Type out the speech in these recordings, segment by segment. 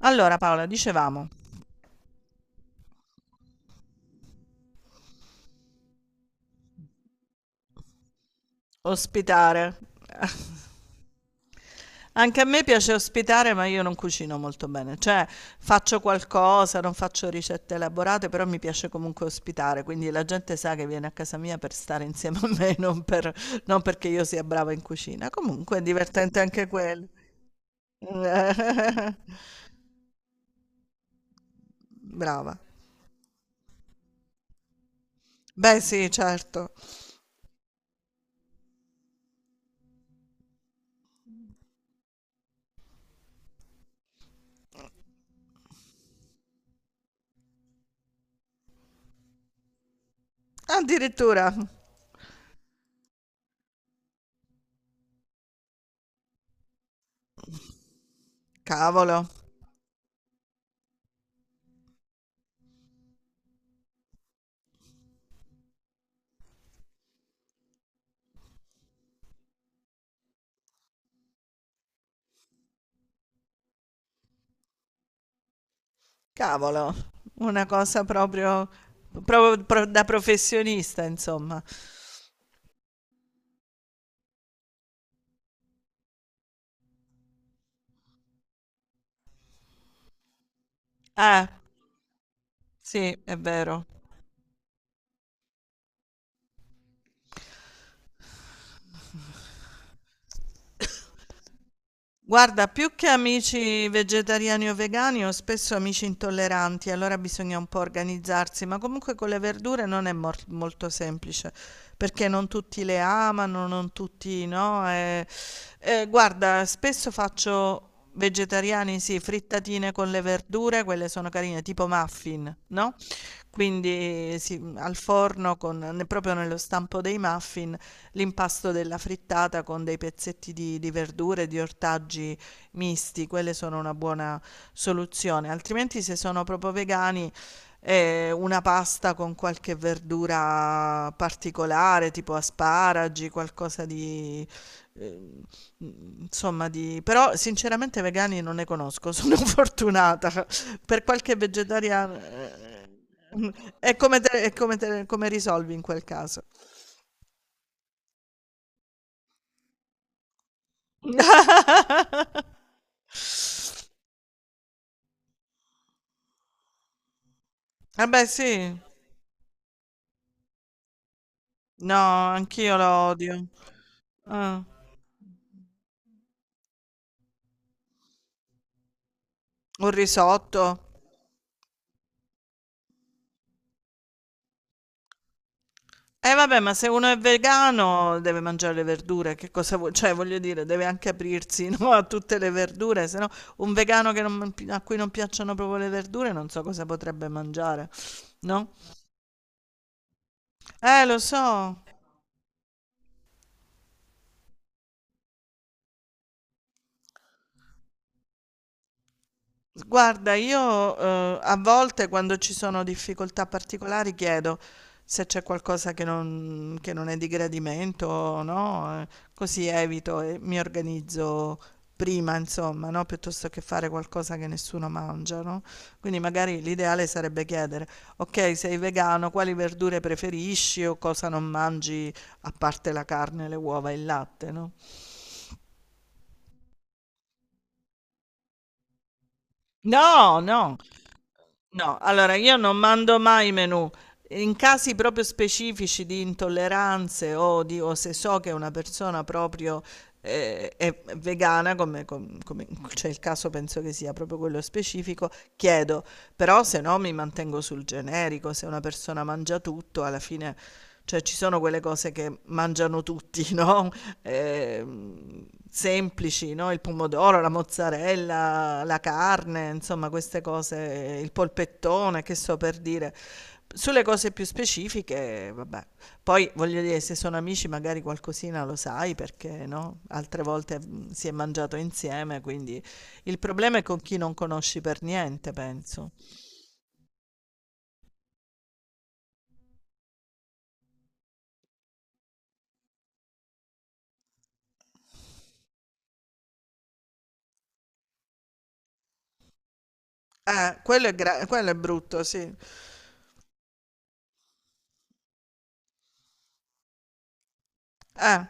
Allora Paola, dicevamo, ospitare. Anche a me piace ospitare, ma io non cucino molto bene, cioè faccio qualcosa, non faccio ricette elaborate, però mi piace comunque ospitare, quindi la gente sa che viene a casa mia per stare insieme a me, non perché io sia brava in cucina. Comunque è divertente anche quello. Brava. Beh, sì, certo. Addirittura, cavolo. Cavolo, una cosa proprio, proprio da professionista, insomma. Eh, sì, è vero. Guarda, più che amici vegetariani o vegani, ho spesso amici intolleranti, allora bisogna un po' organizzarsi, ma comunque con le verdure non è molto semplice, perché non tutti le amano, non tutti no. Guarda, spesso faccio vegetariani sì, frittatine con le verdure, quelle sono carine, tipo muffin, no, quindi sì, al forno con ne proprio nello stampo dei muffin, l'impasto della frittata con dei pezzetti di verdure, di ortaggi misti, quelle sono una buona soluzione. Altrimenti se sono proprio vegani, una pasta con qualche verdura particolare, tipo asparagi, qualcosa di, ehm insomma di però sinceramente vegani non ne conosco, sono fortunata. Per qualche vegetariano mh, e come te come risolvi in quel caso? Eh beh sì. No, anch'io lo odio. Ah. Un risotto. Eh vabbè, ma se uno è vegano deve mangiare le verdure, che cosa vuoi cioè voglio dire, deve anche aprirsi, no, a tutte le verdure, se no un vegano che non a cui non piacciono proprio le verdure non so cosa potrebbe mangiare. No? Lo so. Guarda, io a volte quando ci sono difficoltà particolari chiedo se c'è qualcosa che non è di gradimento, no? Così evito e mi organizzo prima, insomma, no? Piuttosto che fare qualcosa che nessuno mangia, no? Quindi magari l'ideale sarebbe chiedere, ok, sei vegano, quali verdure preferisci o cosa non mangi a parte la carne, le uova e il latte, no? No, no. No, allora io non mando mai i menù. In casi proprio specifici di intolleranze o, di, o se so che una persona proprio è vegana, c'è il caso, penso che sia proprio quello specifico, chiedo però se no mi mantengo sul generico, se una persona mangia tutto, alla fine, cioè ci sono quelle cose che mangiano tutti, no? Semplici, no? Il pomodoro, la mozzarella, la carne, insomma queste cose, il polpettone, che so per dire. Sulle cose più specifiche, vabbè. Poi voglio dire, se sono amici magari qualcosina lo sai perché no? Altre volte si è mangiato insieme, quindi il problema è con chi non conosci per niente, penso. Quello è brutto, sì. Eh,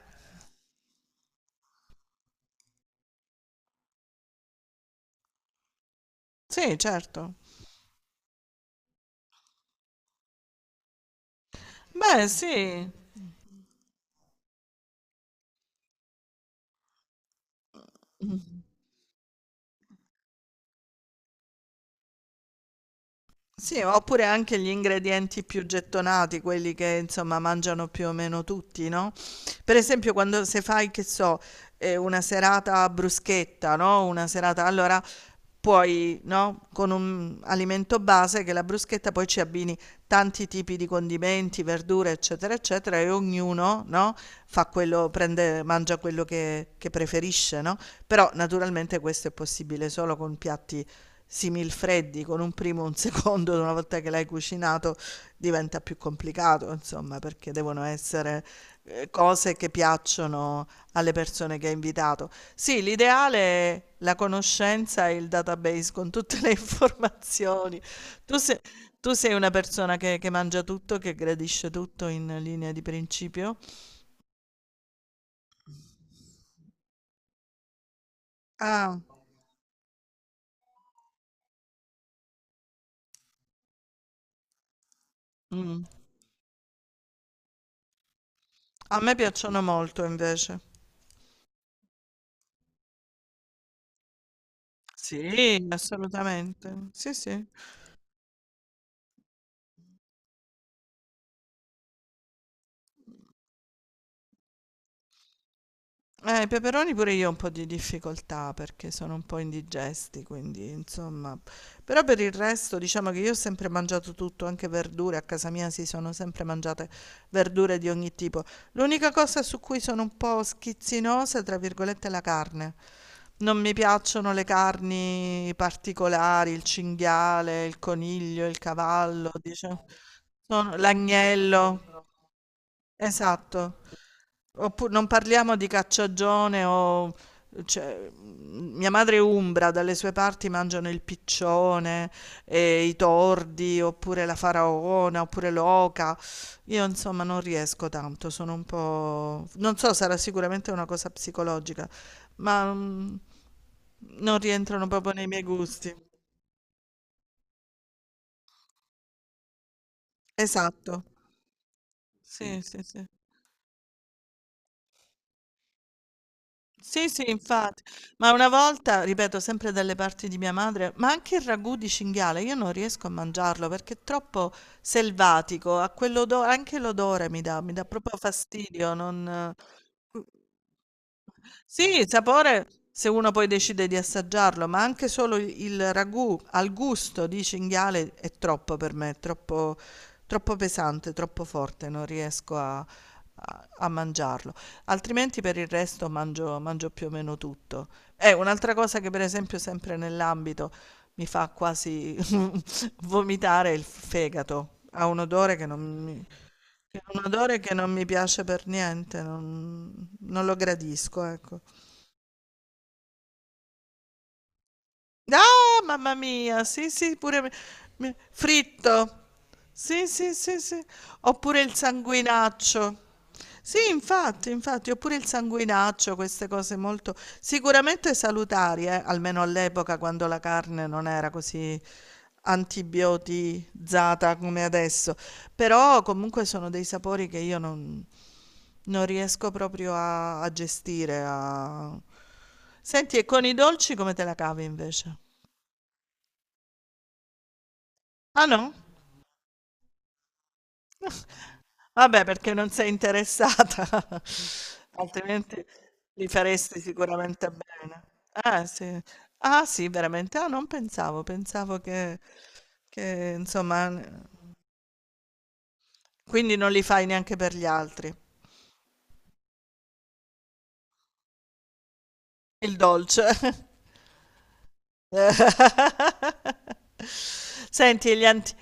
sì, certo. Beh, sì. Sì, oppure anche gli ingredienti più gettonati, quelli che insomma mangiano più o meno tutti, no, per esempio quando se fai, che so, una serata bruschetta, no, una serata allora puoi, no, con un alimento base che è la bruschetta, poi ci abbini tanti tipi di condimenti, verdure, eccetera, eccetera e ognuno, no, fa quello prende mangia quello che preferisce, no, però naturalmente questo è possibile solo con piatti similfreddi con un primo e un secondo, una volta che l'hai cucinato diventa più complicato, insomma, perché devono essere cose che piacciono alle persone che hai invitato. Sì, l'ideale è la conoscenza e il database con tutte le informazioni. Tu sei, tu sei una persona che mangia tutto, che gradisce tutto in linea di principio? Ah, mm. A me piacciono molto invece. Sì, assolutamente. Sì, sì. I peperoni pure io ho un po' di difficoltà perché sono un po' indigesti, quindi insomma. Però per il resto diciamo che io ho sempre mangiato tutto, anche verdure, a casa mia si sono sempre mangiate verdure di ogni tipo. L'unica cosa su cui sono un po' schizzinosa, tra virgolette, è la carne. Non mi piacciono le carni particolari, il cinghiale, il coniglio, il cavallo, diciamo, l'agnello. Esatto. Oppure non parliamo di cacciagione o cioè, mia madre è umbra, dalle sue parti mangiano il piccione, e i tordi, oppure la faraona, oppure l'oca. Io insomma non riesco tanto, sono un po'... Non so, sarà sicuramente una cosa psicologica, ma non rientrano proprio nei miei gusti. Esatto. Sì, sì, sì. Sì, sì, infatti. Ma una volta, ripeto, sempre dalle parti di mia madre, ma anche il ragù di cinghiale, io non riesco a mangiarlo perché è troppo selvatico, ha quell'odore, anche l'odore mi dà proprio fastidio, non... Sì, il sapore se uno poi decide di assaggiarlo, ma anche solo il ragù al gusto di cinghiale è troppo per me, è troppo, troppo pesante, troppo forte, non riesco a mangiarlo. Altrimenti per il resto mangio, mangio più o meno tutto. È un'altra cosa che per esempio sempre nell'ambito mi fa quasi vomitare è il fegato. Ha un odore che non mi, un odore che non mi piace per niente, non, non lo gradisco, ecco. Ah, mamma mia, sì, sì, pure fritto. Sì, sì, sì, sì. Oppure il sanguinaccio. Sì, infatti, infatti, oppure il sanguinaccio, queste cose molto sicuramente salutari, almeno all'epoca quando la carne non era così antibiotizzata come adesso. Però comunque sono dei sapori che io non riesco proprio a gestire. Senti, e con i dolci come te la cavi invece? Ah no? Vabbè perché non sei interessata, altrimenti li faresti sicuramente bene. Eh sì. Ah sì, veramente? Ah non pensavo, pensavo che insomma n quindi non li fai neanche per gli altri. Il dolce. Senti e gli anti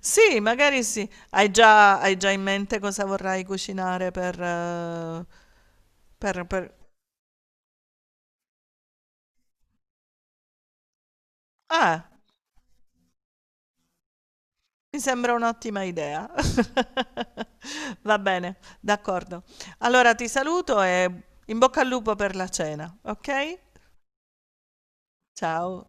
sì, magari sì. Hai già in mente cosa vorrai cucinare per per per ah. Mi sembra un'ottima idea. Va bene, d'accordo. Allora ti saluto e in bocca al lupo per la cena, ok? Ciao.